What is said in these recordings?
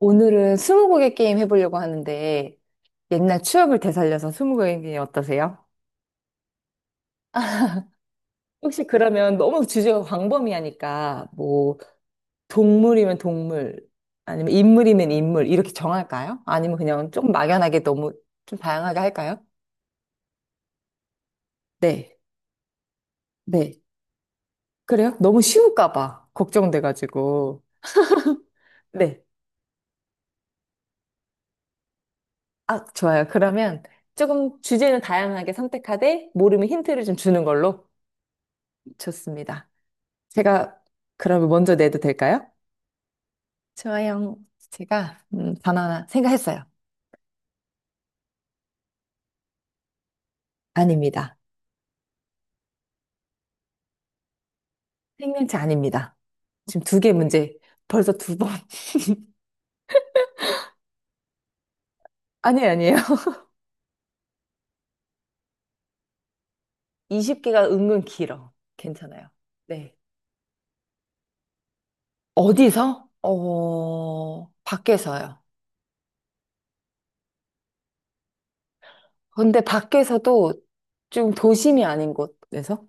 오늘은 스무고개 게임 해보려고 하는데 옛날 추억을 되살려서 스무고개 게임 어떠세요? 혹시 그러면 너무 주제가 광범위하니까 뭐 동물이면 동물 아니면 인물이면 인물 이렇게 정할까요? 아니면 그냥 조금 막연하게 너무 좀 다양하게 할까요? 네. 네. 그래요? 너무 쉬울까 봐 걱정돼가지고. 네. 아, 좋아요. 그러면 조금 주제는 다양하게 선택하되 모르면 힌트를 좀 주는 걸로 좋습니다. 제가 그러면 먼저 내도 될까요? 좋아요. 제가 바나나 생각했어요. 아닙니다. 생명체 아닙니다. 지금 두 개 문제. 벌써 두 번. 아니에요, 아니에요. 20개가 은근 길어. 괜찮아요. 네. 어디서? 어, 밖에서요. 근데 밖에서도 좀 도심이 아닌 곳에서?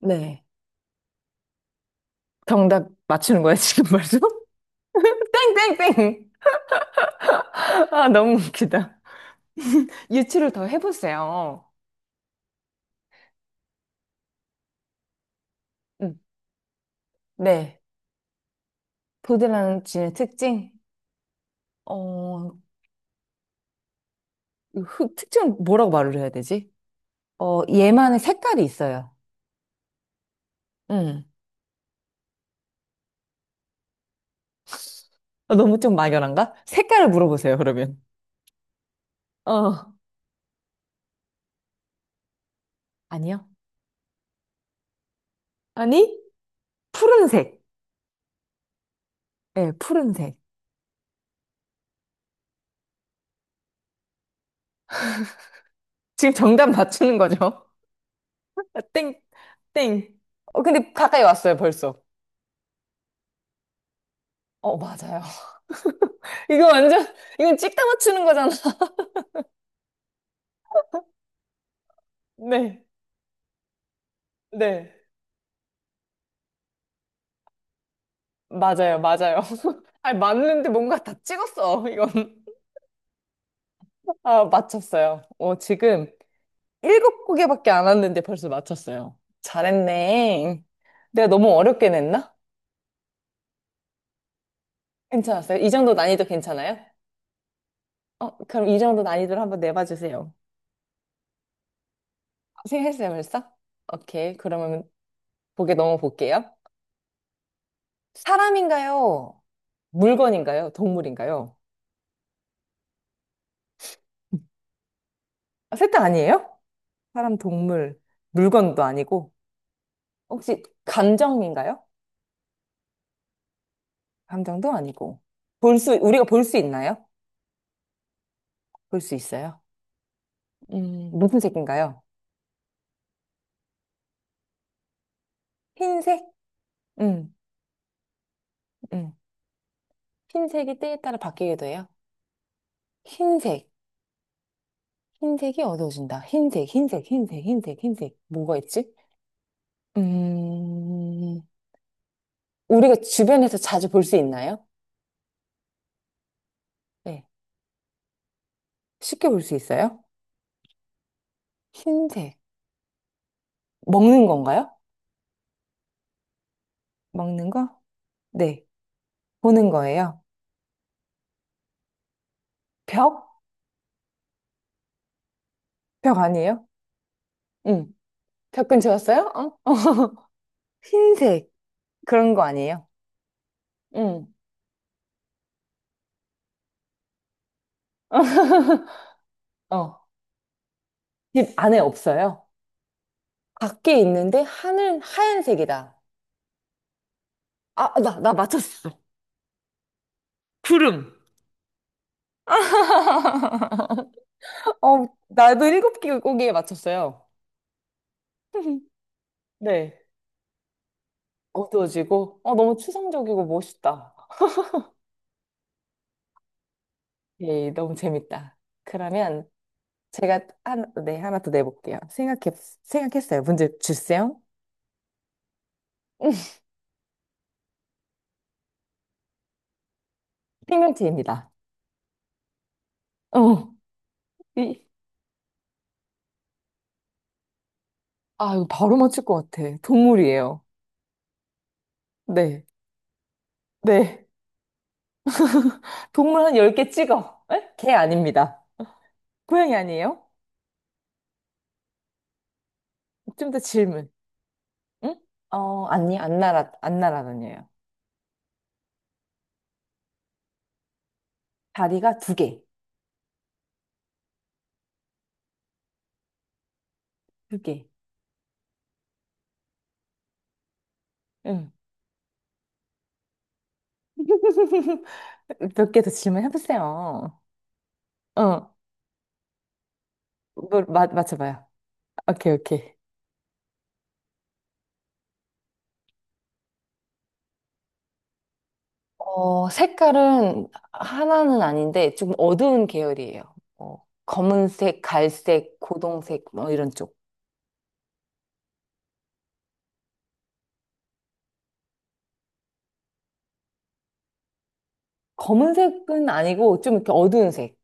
네. 정답 맞추는 거예요, 지금 벌써? 땡땡땡! 아, 너무 웃기다. 유추를 더 해보세요. 음. 네. 보드라지의 특징? 어, 특징 뭐라고 말을 해야 되지? 어, 얘만의 색깔이 있어요. 음. 어, 너무 좀 막연한가? 색깔을 물어보세요, 그러면. 어, 아니요. 아니? 푸른색. 네, 푸른색. 지금 정답 맞추는 거죠? 아, 땡, 땡. 어, 근데 가까이 왔어요, 벌써. 어, 맞아요. 이거 완전, 이건 찍다 맞추는 거잖아. 네, 네. 맞아요, 맞아요. 아니, 맞는데 뭔가 다 찍었어, 이건. 아, 맞췄어요. 어, 지금 일곱 곡에밖에 안 왔는데 벌써 맞췄어요. 잘했네. 내가 너무 어렵게 냈나? 괜찮았어요? 이 정도 난이도 괜찮아요? 어, 그럼 이 정도 난이도를 한번 내봐 주세요. 생각했어요, 벌써? 오케이. 그러면 보게 넘어볼게요. 사람인가요? 물건인가요? 동물인가요? 아, 셋다 아니에요? 사람, 동물, 물건도 아니고. 혹시 감정인가요? 감정도 아니고. 볼 수, 우리가 볼 수 있나요? 볼 수 있어요. 무슨 색인가요? 흰색? 음, 음. 흰색이 때에 따라 바뀌기도 해요. 흰색. 흰색이 어두워진다. 흰색, 흰색, 흰색, 흰색, 흰색. 뭐가 있지? 음, 우리가 주변에서 자주 볼 수 있나요? 네. 쉽게 볼 수 있어요? 흰색. 먹는 건가요? 먹는 거? 네. 보는 거예요. 벽? 벽 아니에요? 응. 벽 근처였어요? 어? 어. 흰색. 그런 거 아니에요? 응. 어. 집 안에 없어요? 밖에 있는데 하늘 하얀색이다. 아, 나, 나 맞췄어. 구름. 어, 나도 일곱 개국에 맞췄어요. 네. 어두워지고, 어, 너무 추상적이고 멋있다. 예, 너무 재밌다. 그러면 제가 하나, 네, 하나 더 내볼게요. 생각해, 생각했어요. 문제 주세요. 생명체입니다. 어, 이, 아, 이거 바로 맞출 것 같아. 동물이에요. 네, 네. 동물 한 10개 찍어. 에? 개 아닙니다. 고양이 아니에요? 좀 더 질문. 응? 어, 아니, 안 날아다녀요. 다리가 두 개. 두 개. 응. 몇 개 더 질문해보세요. 어, 맞춰봐요. 오케이, 오케이. 어, 색깔은 하나는 아닌데 좀 어두운 계열이에요. 어, 검은색, 갈색, 고동색, 뭐 이런 쪽. 검은색은 아니고 좀 이렇게 어두운 색.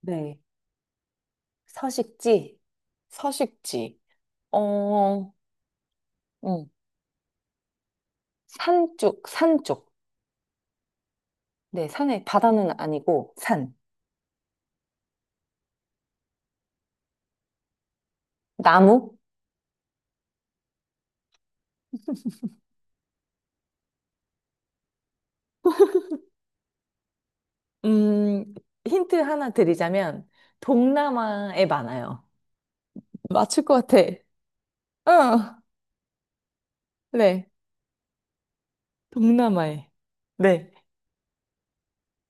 네. 서식지, 서식지. 어, 응. 산 쪽, 산 쪽. 네, 산에, 바다는 아니고, 산. 나무? 음, 힌트 하나 드리자면, 동남아에 많아요. 맞출 것 같아. 어, 네. 동남아에. 네.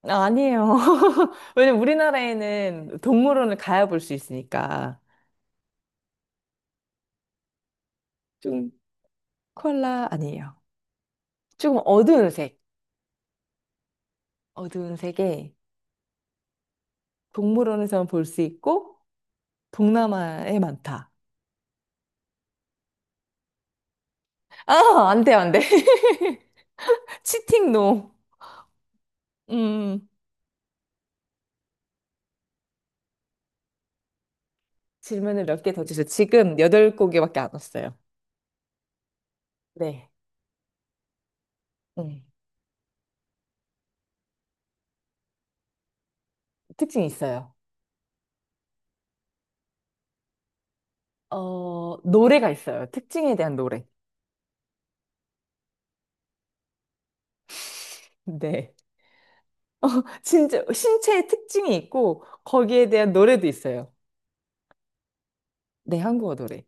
아, 아니에요. 왜냐면 우리나라에는 동물원을 가야 볼 수 있으니까. 좀, 컬라 아니에요. 조금 어두운 색. 어두운 색에 동물원에서만 볼 수 있고, 동남아에 많다. 아, 안 돼, 안 돼. 치팅 노. 음, 질문을 몇 개 더 주세요. 지금 여덟 곡에밖에 안 왔어요. 네. 음, 특징이 있어요. 어, 노래가 있어요. 특징에 대한 노래. 네. 어, 진짜 신체의 특징이 있고 거기에 대한 노래도 있어요. 네, 한국어 노래.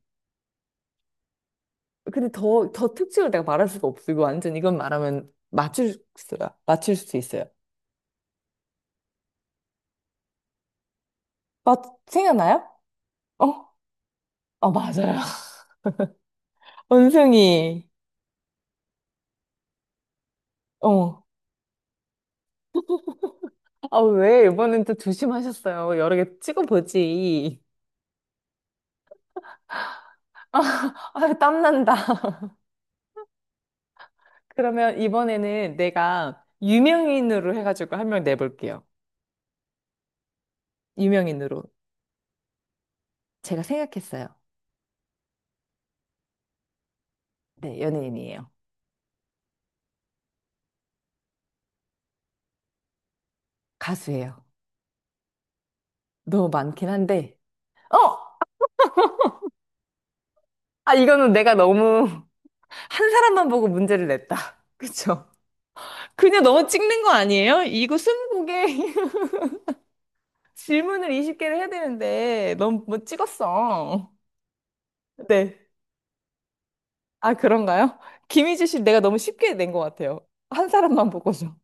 근데 더 특징을 내가 말할 수가 없어. 이거 완전 이건 말하면 맞출 수 있어요. 맞, 생각나요? 어? 어, 맞아요. 원숭이. 어. 아, 왜? 이번엔 또 조심하셨어요. 여러 개 찍어보지. 아, 땀난다. 그러면 이번에는 내가 유명인으로 해가지고 한 명 내볼게요. 유명인으로. 제가 생각했어요. 네, 연예인이에요. 가수예요. 너무 많긴 한데. 어! 아, 이거는 내가 너무 한 사람만 보고 문제를 냈다. 그쵸? 그냥 너무 찍는 거 아니에요? 이거 스무고개 질문을 20개를 해야 되는데 너무 뭐 찍었어. 네. 아, 그런가요? 김희지 씨 내가 너무 쉽게 낸 것 같아요. 한 사람만 보고서.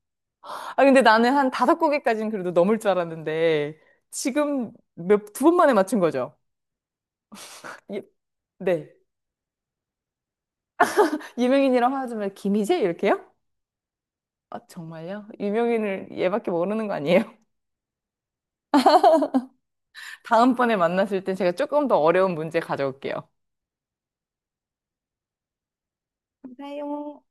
아, 근데 나는 한 다섯 곡에까지는 그래도 넘을 줄 알았는데, 지금 두 번 만에 맞춘 거죠? 유- 네. 유명인이랑 화하자면 김희재? 이렇게요? 아, 정말요? 유명인을 얘밖에 모르는 거 아니에요? 다음번에 만났을 땐 제가 조금 더 어려운 문제 가져올게요. 감사해요.